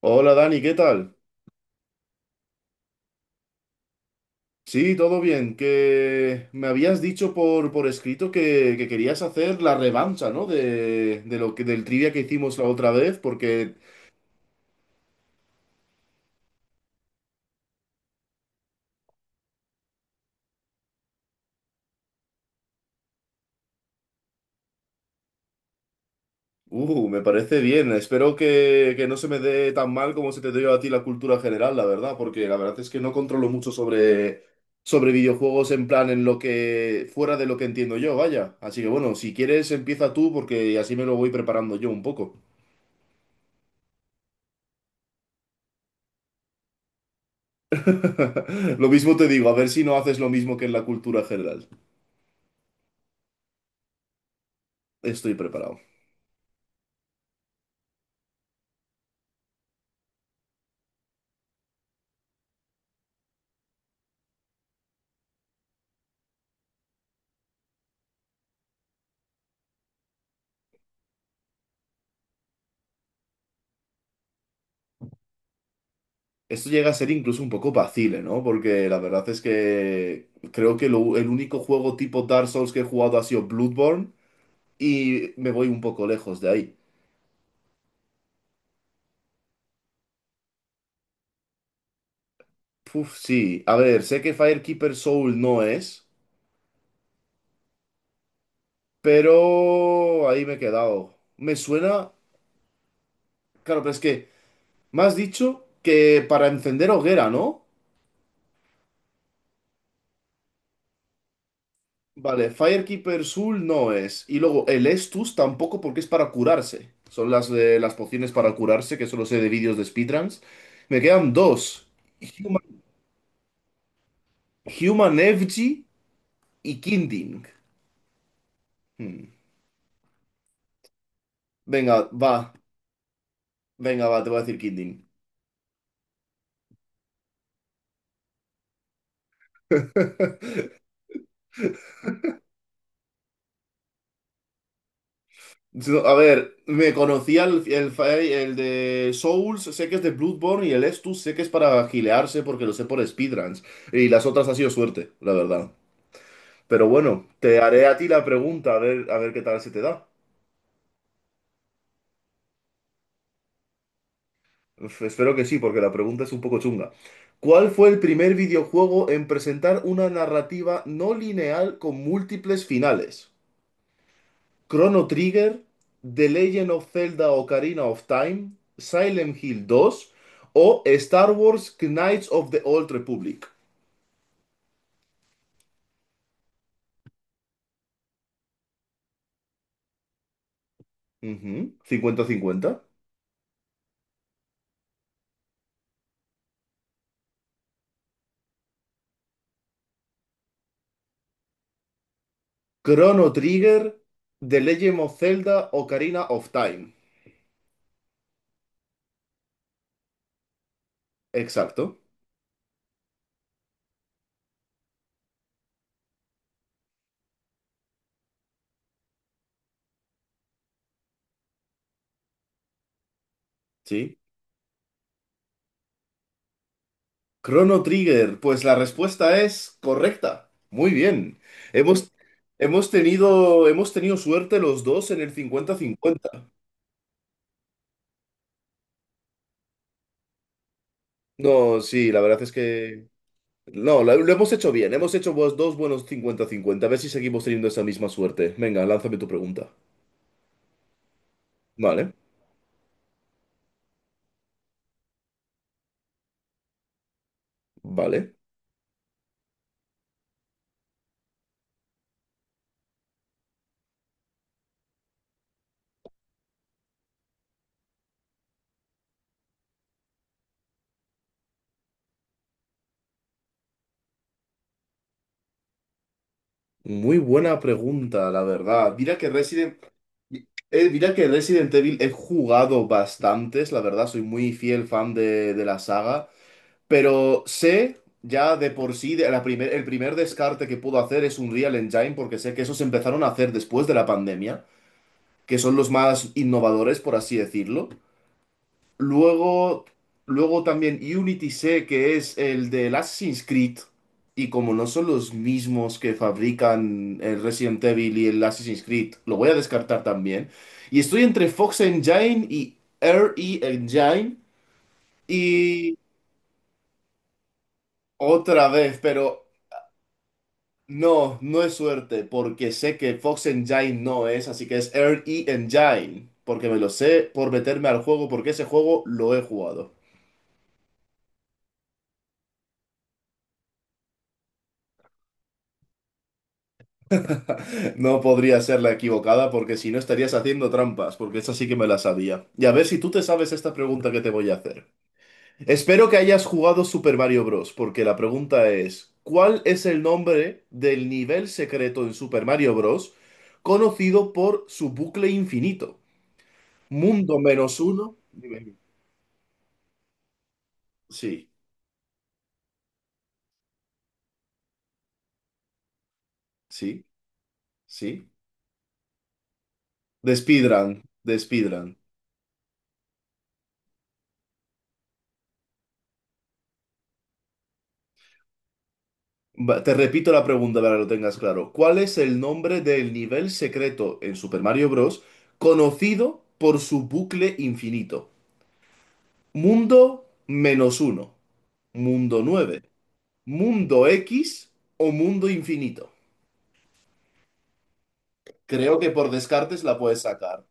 Hola Dani, ¿qué tal? Sí, todo bien, que me habías dicho por escrito, que querías hacer la revancha, ¿no? De del trivia que hicimos la otra vez, porque, me parece bien, espero que no se me dé tan mal como se te dio a ti la cultura general, la verdad, porque la verdad es que no controlo mucho sobre videojuegos, en plan, en lo que, fuera de lo que entiendo yo, vaya. Así que bueno, si quieres empieza tú, porque así me lo voy preparando yo un poco. Lo mismo te digo, a ver si no haces lo mismo que en la cultura general. Estoy preparado. Esto llega a ser incluso un poco vacile, ¿no? Porque la verdad es que creo que el único juego tipo Dark Souls que he jugado ha sido Bloodborne y me voy un poco lejos de ahí. Puf, sí. A ver, sé que Firekeeper Soul no es, pero ahí me he quedado. Me suena... Claro, pero es que me has dicho que para encender hoguera, ¿no? Vale, Firekeeper Soul no es. Y luego el Estus tampoco, porque es para curarse. Son las de las pociones para curarse, que solo sé de vídeos de speedruns. Me quedan dos. Human, Human Effigy y Kinding. Hmm. Venga, va. Venga, va, te voy a decir Kinding. No, a ver, me conocía el de Souls, sé que es de Bloodborne y el Estus sé que es para gilearse porque lo sé por speedruns. Y las otras ha sido suerte, la verdad. Pero bueno, te haré a ti la pregunta, a ver qué tal se te da. Uf, espero que sí, porque la pregunta es un poco chunga. ¿Cuál fue el primer videojuego en presentar una narrativa no lineal con múltiples finales? ¿Chrono Trigger, The Legend of Zelda Ocarina of Time, Silent Hill 2 o Star Wars Knights of the Old Republic? Ujú, cincuenta 50. Chrono Trigger, The Legend of Zelda Ocarina of Time. Exacto. Sí, Chrono Trigger, pues la respuesta es correcta. Muy bien. Hemos, hemos tenido suerte los dos en el cincuenta-cincuenta. No, sí, la verdad es que... No, lo hemos hecho bien. Hemos hecho, pues, dos buenos cincuenta-cincuenta. A ver si seguimos teniendo esa misma suerte. Venga, lánzame tu pregunta. Vale, vale. Muy buena pregunta, la verdad. Mira que Resident Evil he jugado bastantes, la verdad, soy muy fiel fan de la saga. Pero sé ya de por sí, de el primer descarte que puedo hacer es un Real Engine, porque sé que esos empezaron a hacer después de la pandemia, que son los más innovadores, por así decirlo. Luego, luego también Unity sé que es el del Assassin's Creed, y como no son los mismos que fabrican el Resident Evil y el Assassin's Creed, lo voy a descartar también. Y estoy entre Fox Engine y RE Engine, y otra vez, pero... No, no es suerte, porque sé que Fox Engine no es, así que es RE Engine, porque me lo sé por meterme al juego, porque ese juego lo he jugado. No podría ser la equivocada, porque si no estarías haciendo trampas, porque esa sí que me la sabía. Y a ver si tú te sabes esta pregunta que te voy a hacer. Espero que hayas jugado Super Mario Bros., porque la pregunta es, ¿cuál es el nombre del nivel secreto en Super Mario Bros. Conocido por su bucle infinito? Mundo menos uno. Dime. Sí. Sí, sí. De speedrun, de speedrun. Va, te repito la pregunta para que lo tengas claro. ¿Cuál es el nombre del nivel secreto en Super Mario Bros. Conocido por su bucle infinito? Mundo menos uno, mundo nueve, mundo X o mundo infinito. Creo que por descartes la puedes sacar.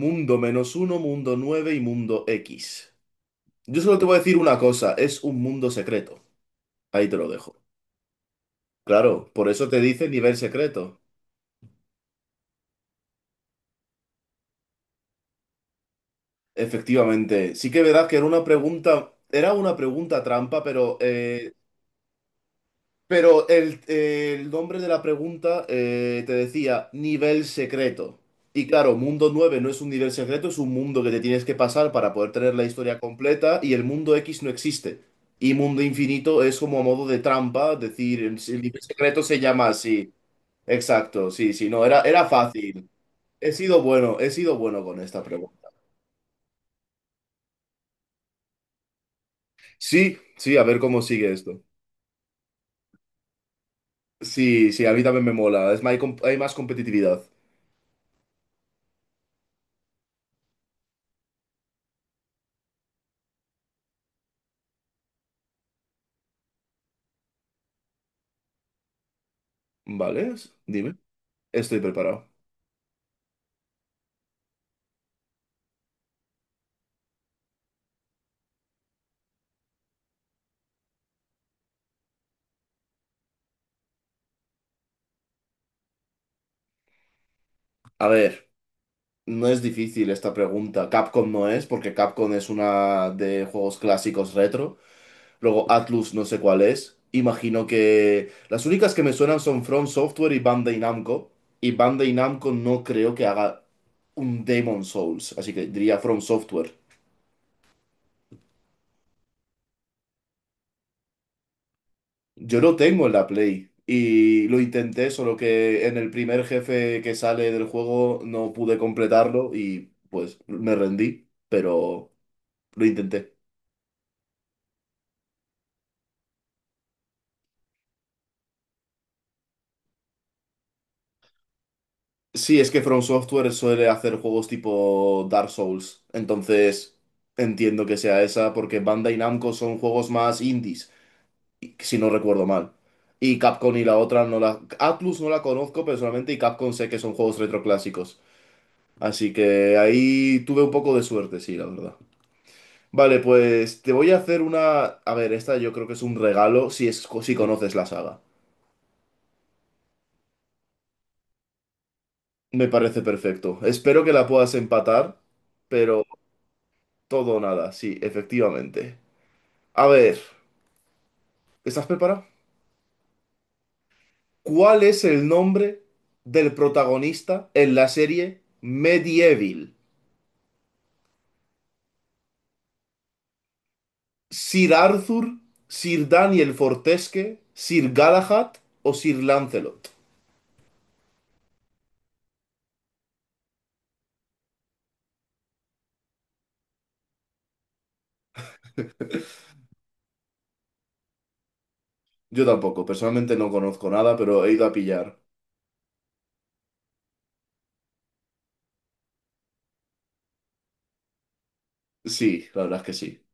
Mundo menos uno, mundo nueve y mundo X. Yo solo te voy a decir una cosa, es un mundo secreto. Ahí te lo dejo. Claro, por eso te dice nivel secreto. Efectivamente, sí que es verdad que era una pregunta trampa, pero, pero el nombre de la pregunta, te decía nivel secreto. Y claro, mundo 9 no es un nivel secreto, es un mundo que te tienes que pasar para poder tener la historia completa, y el mundo X no existe. Y mundo infinito es como a modo de trampa, decir, el nivel secreto se llama así. Exacto, sí, sí, no, era fácil. He sido bueno con esta pregunta. Sí, sí, a ver cómo sigue esto. Sí, sí, a mí también me mola. Es, más, hay, hay más competitividad. Vale, dime. Estoy preparado. A ver, no es difícil esta pregunta. Capcom no es, porque Capcom es una de juegos clásicos retro. Luego Atlus no sé cuál es. Imagino que las únicas que me suenan son From Software y Bandai Namco. Y Bandai Namco no creo que haga un Demon Souls, así que diría From Software. Yo lo tengo en la Play y lo intenté, solo que en el primer jefe que sale del juego no pude completarlo y pues me rendí, pero lo intenté. Sí, es que From Software suele hacer juegos tipo Dark Souls, entonces entiendo que sea esa porque Bandai Namco son juegos más indies, si no recuerdo mal. Y Capcom y la otra no la... Atlus no la conozco personalmente y Capcom sé que son juegos retroclásicos. Así que ahí tuve un poco de suerte, sí, la verdad. Vale, pues te voy a hacer una... A ver, esta yo creo que es un regalo, si es... si conoces la saga. Me parece perfecto. Espero que la puedas empatar, pero todo o nada, sí, efectivamente. A ver, ¿estás preparado? ¿Cuál es el nombre del protagonista en la serie Medieval? ¿Sir Arthur, Sir Daniel Fortesque, Sir Galahad o Sir Lancelot? Yo tampoco, personalmente no conozco nada, pero he ido a pillar. Sí, la verdad es que sí.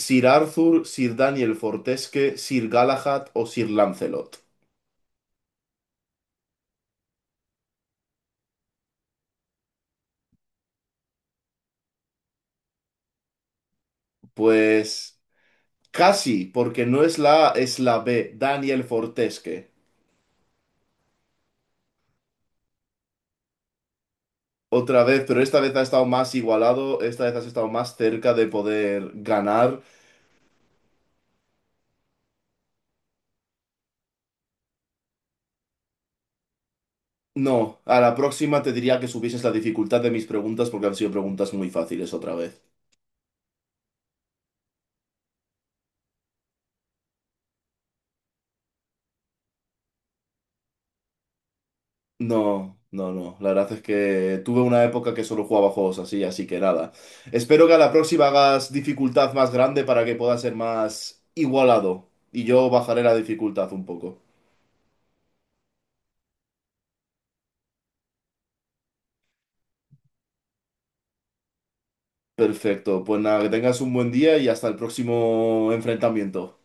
Sir Arthur, Sir Daniel Fortesque, Sir Galahad o Sir Lancelot. Pues casi, porque no es la A, es la B, Daniel Fortesque. Otra vez, pero esta vez ha estado más igualado, esta vez has estado más cerca de poder ganar. No, a la próxima te diría que subieses la dificultad de mis preguntas, porque han sido preguntas muy fáciles otra vez. No, no, no. La verdad es que tuve una época que solo jugaba juegos así, así que nada. Espero que a la próxima hagas dificultad más grande para que pueda ser más igualado. Y yo bajaré la dificultad un poco. Perfecto. Pues nada, que tengas un buen día y hasta el próximo enfrentamiento.